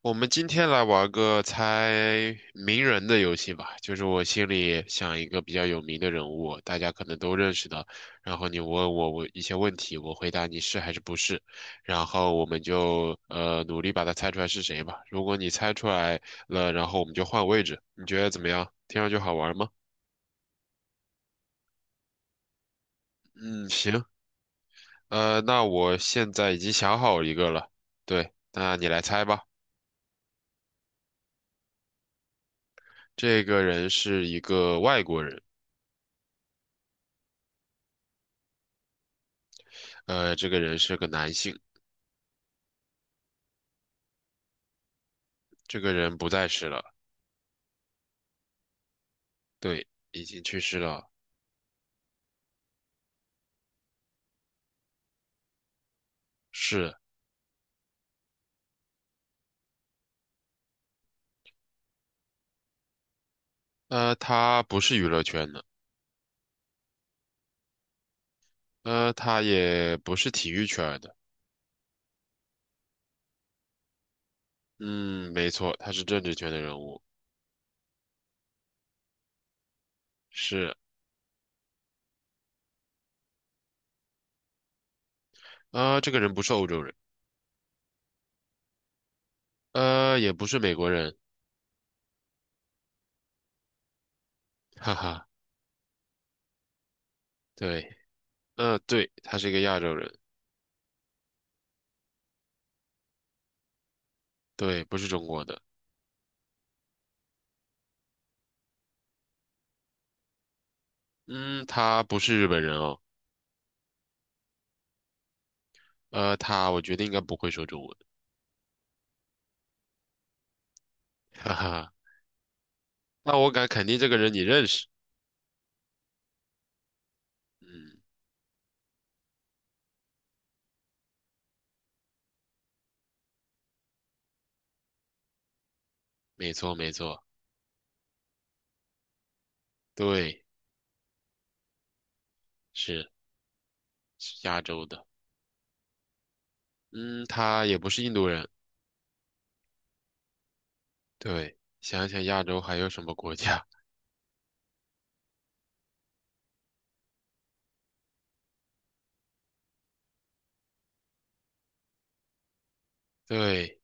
我们今天来玩个猜名人的游戏吧，就是我心里想一个比较有名的人物，大家可能都认识的，然后你问我一些问题，我回答你是还是不是，然后我们就努力把它猜出来是谁吧。如果你猜出来了，然后我们就换位置，你觉得怎么样？听上去好玩吗？嗯，行，那我现在已经想好一个了。对，那你来猜吧。这个人是一个外国人，这个人是个男性。这个人不在世了，对，已经去世了。是，他不是娱乐圈的，他也不是体育圈的。嗯，没错，他是政治圈的人物。是，这个人不是欧洲人，也不是美国人，哈哈。对，对，他是一个亚洲人，对，不是中国的。嗯，他不是日本人哦，他我觉得应该不会说中文，哈哈。那我敢肯定这个人你认识。嗯，没错，没错，对，是是亚洲的。嗯，他也不是印度人。对，想想亚洲还有什么国家？对，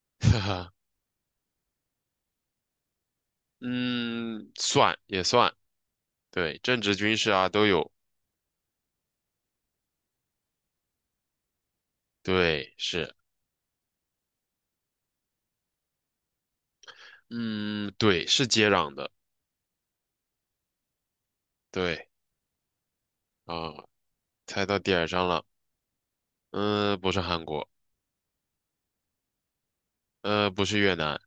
哈哈，嗯，算也算。对，政治、军事啊都有。对，是，嗯，对，是接壤的。对，啊，猜到点儿上了。嗯，不是韩国，不是越南。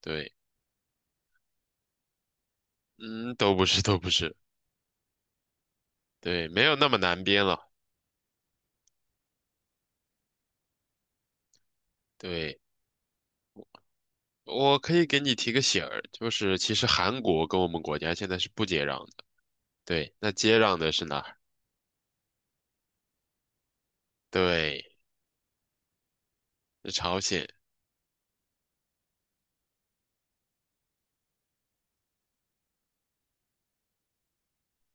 对，嗯，都不是，都不是。对，没有那么难编了。对，我可以给你提个醒儿，就是其实韩国跟我们国家现在是不接壤的。对，那接壤的是哪？对，是朝鲜。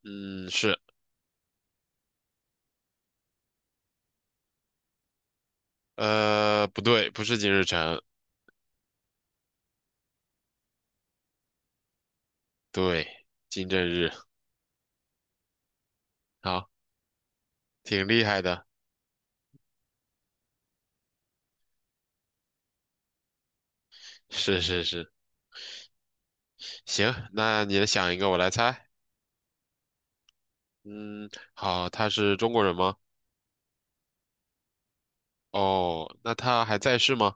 嗯，是，不对，不是金日成。对，金正日。好，挺厉害的。是是是，行，那你想一个，我来猜。嗯，好，他是中国人吗？哦，那他还在世吗？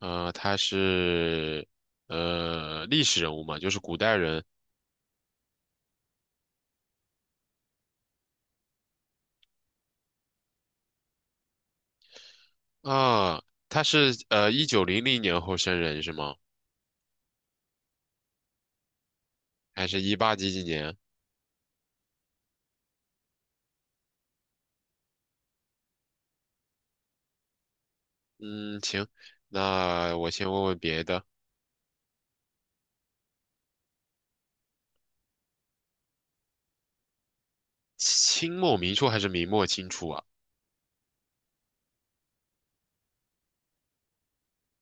他是历史人物嘛，就是古代人啊。他是1900年后生人是吗？还是一八几几年？嗯，行，那我先问问别的。清末民初还是明末清初啊？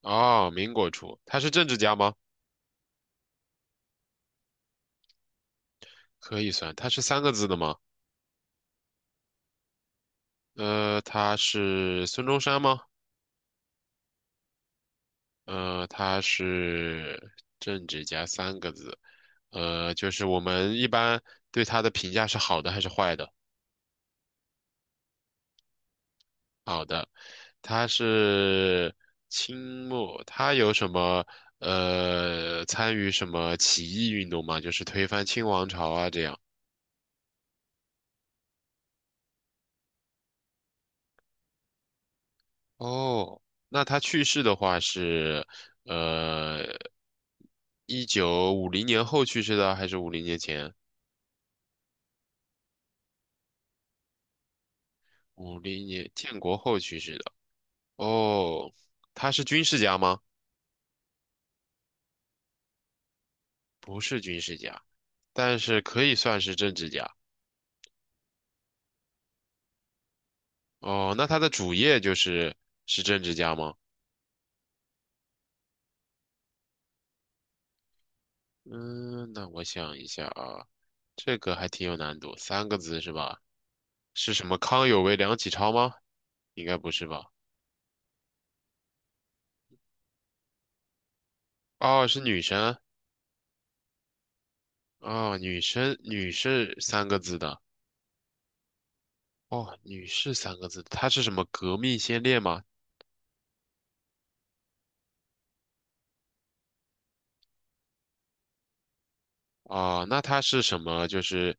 哦，民国初，他是政治家吗？可以算，他是三个字的吗？他是孙中山吗？他是政治家三个字。就是我们一般对他的评价是好的还是坏的？好的，他是清末，他有什么参与什么起义运动吗？就是推翻清王朝啊这样。哦，那他去世的话是，呃，1950年后去世的，还是五零年前？五零年建国后去世的。哦，他是军事家吗？不是军事家，但是可以算是政治家。哦，那他的主业就是政治家吗？嗯，那我想一下啊，这个还挺有难度，三个字是吧？是什么康有为、梁启超吗？应该不是吧？哦，是女生。哦，女生，女士三个字的。哦，女士三个字，她是什么革命先烈吗？啊，那她是什么？就是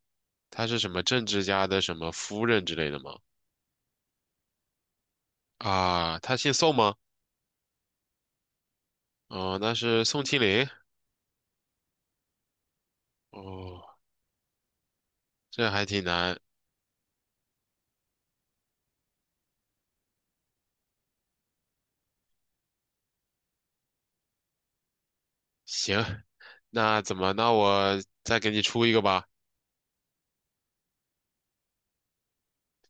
她是什么政治家的什么夫人之类的吗？啊，她姓宋吗？哦，那是宋庆龄。哦，这还挺难。行，那怎么？那我再给你出一个吧。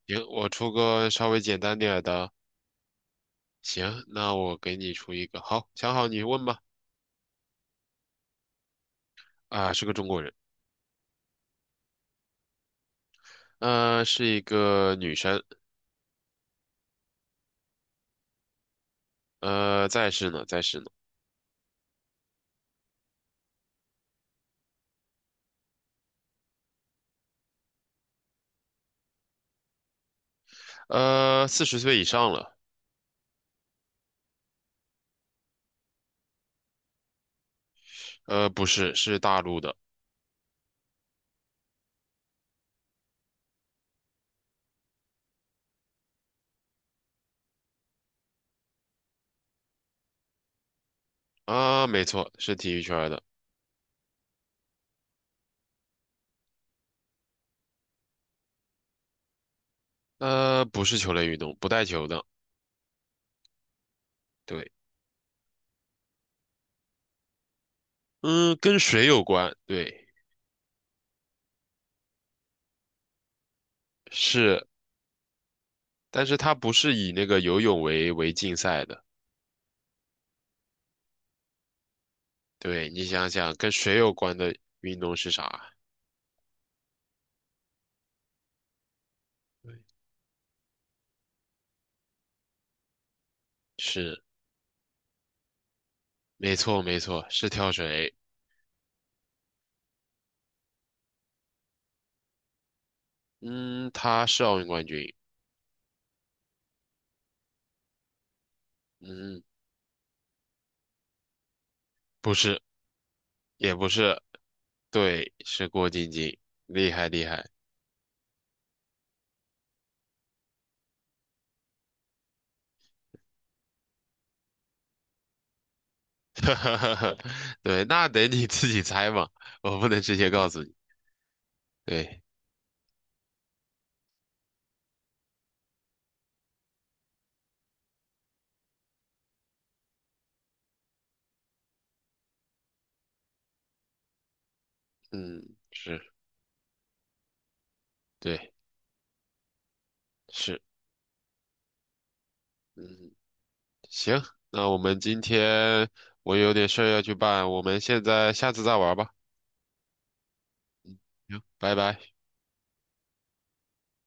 行，我出个稍微简单点儿的。行，那我给你出一个。好，想好你问吧。啊，是个中国人，是一个女生。在世呢，40岁以上了。不是，是大陆的。啊，没错，是体育圈的。不是球类运动，不带球的。对，嗯，跟水有关，对，是，但是它不是以那个游泳为竞赛的。对，你想想，跟水有关的运动是啥？对，是，没错，没错，是跳水。嗯，他是奥运冠军，嗯，不是，也不是，对，是郭晶晶，厉害厉害。哈哈哈，对，那得你自己猜嘛，我不能直接告诉你。对，嗯，是，对，是，嗯，行，那我们今天我有点事儿要去办，我们现在下次再玩吧。行，拜拜。